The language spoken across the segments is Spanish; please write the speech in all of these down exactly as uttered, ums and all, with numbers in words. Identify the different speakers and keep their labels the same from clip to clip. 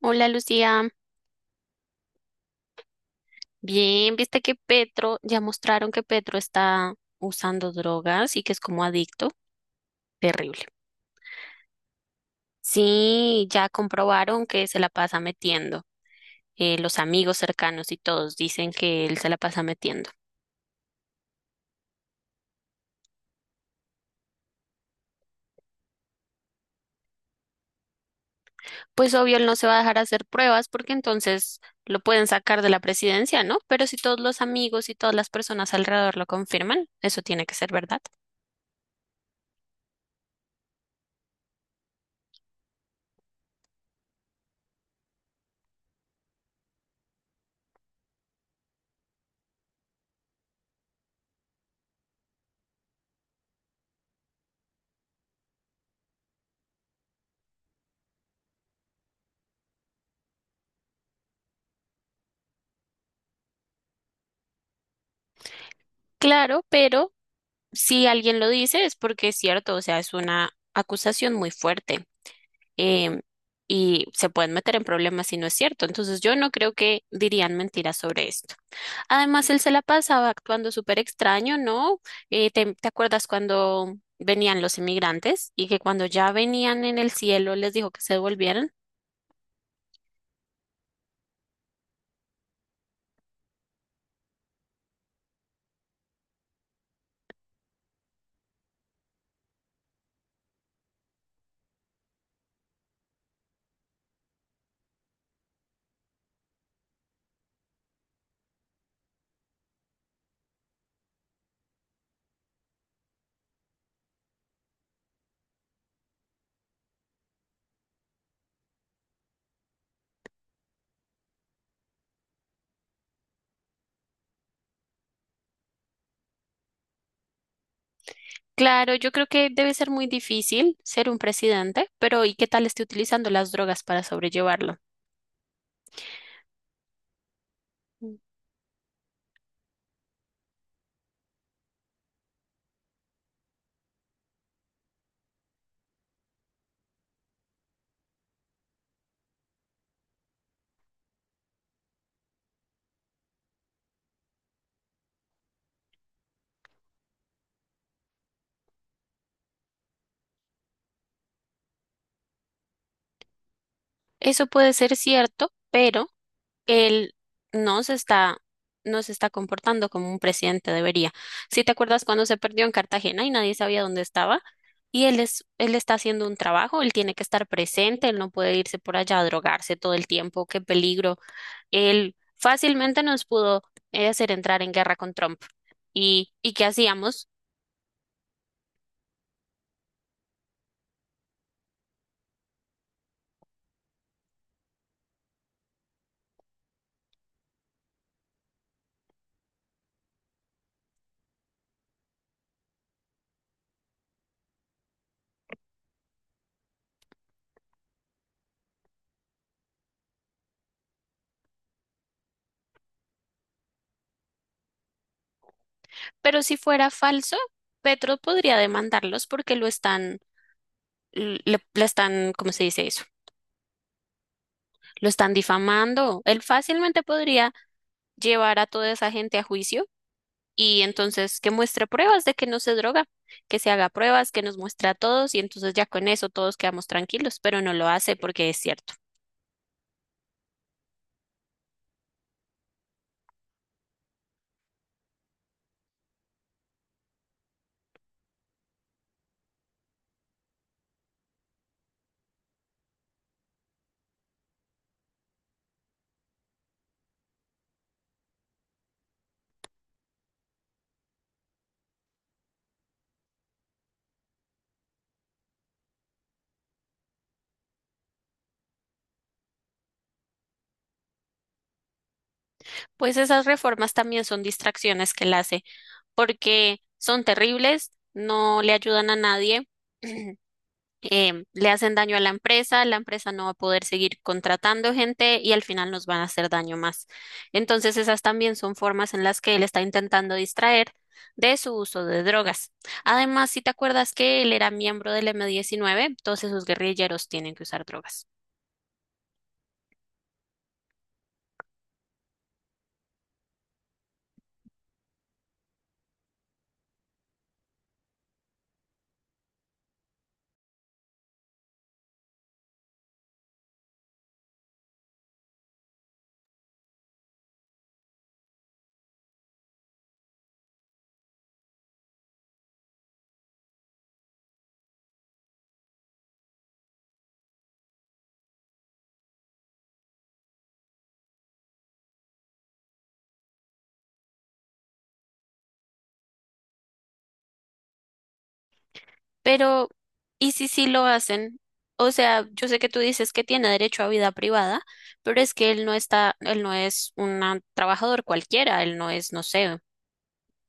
Speaker 1: Hola Lucía, bien, viste que Petro, ya mostraron que Petro está usando drogas y que es como adicto, terrible. Sí, ya comprobaron que se la pasa metiendo, eh, los amigos cercanos y todos dicen que él se la pasa metiendo. Pues obvio, él no se va a dejar hacer pruebas porque entonces lo pueden sacar de la presidencia, ¿no? Pero si todos los amigos y todas las personas alrededor lo confirman, eso tiene que ser verdad. Claro, pero si alguien lo dice es porque es cierto, o sea, es una acusación muy fuerte em, y se pueden meter en problemas si no es cierto. Entonces yo no creo que dirían mentiras sobre esto. Además, él se la pasaba actuando súper extraño, ¿no? Eh, ¿te, te acuerdas cuando venían los inmigrantes y que cuando ya venían en el cielo les dijo que se devolvieran? Claro, yo creo que debe ser muy difícil ser un presidente, pero ¿y qué tal esté utilizando las drogas para sobrellevarlo? Eso puede ser cierto, pero él no se está, no se está comportando como un presidente debería. Si te acuerdas cuando se perdió en Cartagena y nadie sabía dónde estaba, y él es, él está haciendo un trabajo, él tiene que estar presente, él no puede irse por allá a drogarse todo el tiempo, qué peligro. Él fácilmente nos pudo eh, hacer entrar en guerra con Trump. ¿Y, y qué hacíamos? Pero si fuera falso, Petro podría demandarlos porque lo están, le, le están, ¿cómo se dice? Lo están difamando. Él fácilmente podría llevar a toda esa gente a juicio y entonces que muestre pruebas de que no se droga, que se haga pruebas, que nos muestre a todos y entonces ya con eso todos quedamos tranquilos, pero no lo hace porque es cierto. Pues esas reformas también son distracciones que él hace porque son terribles, no le ayudan a nadie. Eh, le hacen daño a la empresa, la empresa no va a poder seguir contratando gente y al final nos van a hacer daño más. Entonces, esas también son formas en las que él está intentando distraer de su uso de drogas. Además, si te acuerdas que él era miembro del m diecinueve, entonces sus guerrilleros tienen que usar drogas. Pero, ¿y si sí lo hacen? O sea, yo sé que tú dices que tiene derecho a vida privada, pero es que él no está, él no es un trabajador cualquiera, él no es, no sé,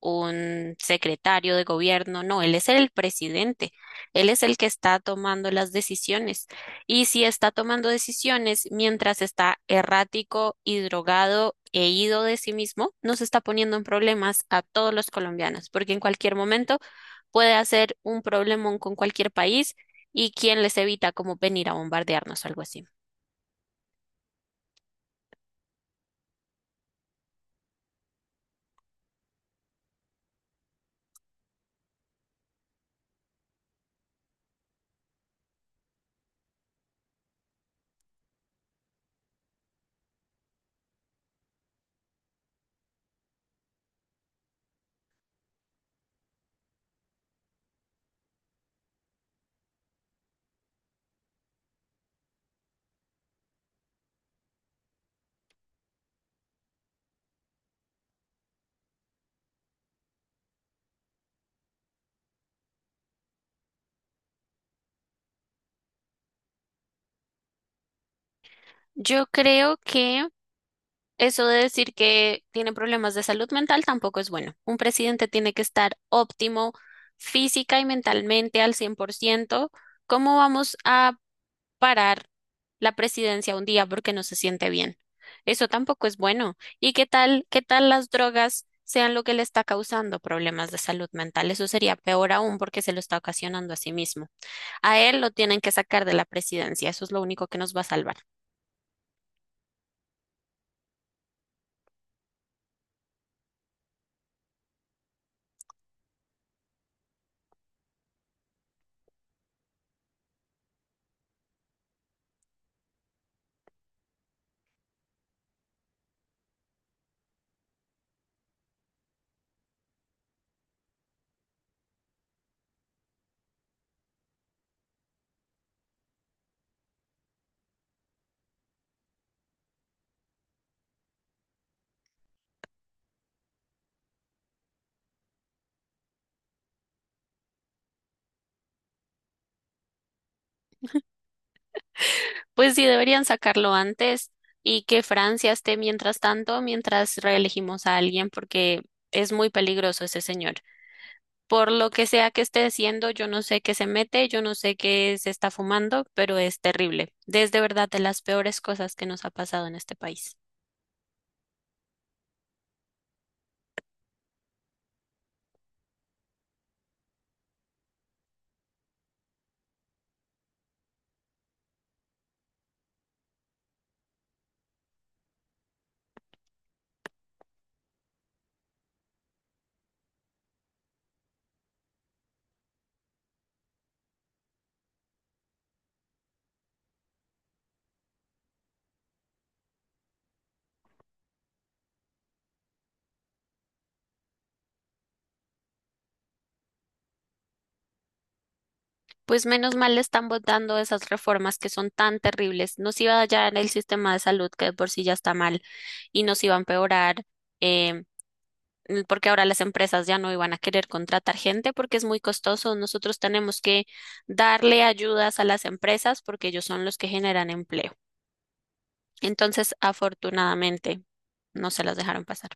Speaker 1: un secretario de gobierno, no, él es el presidente, él es el que está tomando las decisiones. Y si está tomando decisiones mientras está errático y drogado e ido de sí mismo, nos está poniendo en problemas a todos los colombianos, porque en cualquier momento puede hacer un problemón con cualquier país y quién les evita como venir a bombardearnos o algo así. Yo creo que eso de decir que tiene problemas de salud mental tampoco es bueno. Un presidente tiene que estar óptimo física y mentalmente al cien por ciento. ¿Cómo vamos a parar la presidencia un día porque no se siente bien? Eso tampoco es bueno. ¿Y qué tal, qué tal las drogas sean lo que le está causando problemas de salud mental? Eso sería peor aún porque se lo está ocasionando a sí mismo. A él lo tienen que sacar de la presidencia. Eso es lo único que nos va a salvar. Pues sí, deberían sacarlo antes y que Francia esté mientras tanto, mientras reelegimos a alguien, porque es muy peligroso ese señor. Por lo que sea que esté haciendo, yo no sé qué se mete, yo no sé qué se está fumando, pero es terrible. Es de verdad de las peores cosas que nos ha pasado en este país. Pues menos mal le están votando esas reformas que son tan terribles. Nos iba a hallar el sistema de salud que de por sí ya está mal y nos iba a empeorar. eh, mm, Porque ahora las empresas ya no iban a querer contratar gente porque es muy costoso. Nosotros tenemos que darle ayudas a las empresas porque ellos son los que generan empleo. Entonces, afortunadamente, no se las dejaron pasar.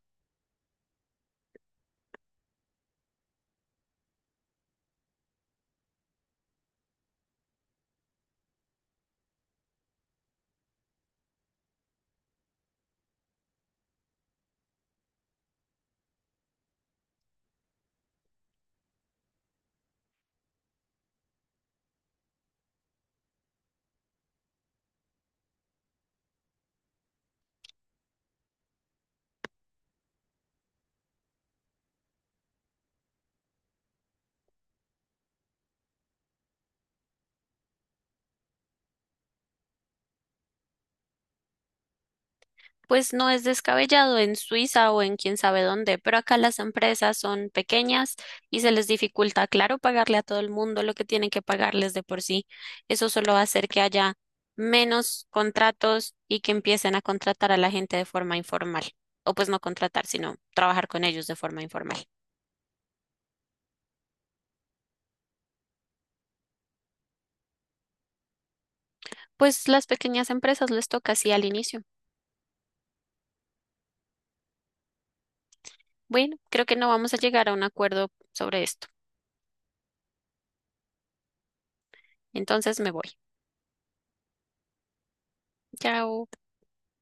Speaker 1: Pues no es descabellado en Suiza o en quién sabe dónde, pero acá las empresas son pequeñas y se les dificulta, claro, pagarle a todo el mundo lo que tienen que pagarles de por sí. Eso solo va a hacer que haya menos contratos y que empiecen a contratar a la gente de forma informal. O pues no contratar, sino trabajar con ellos de forma informal. Pues las pequeñas empresas les toca así al inicio. Bueno, creo que no vamos a llegar a un acuerdo sobre esto. Entonces me voy. Chao.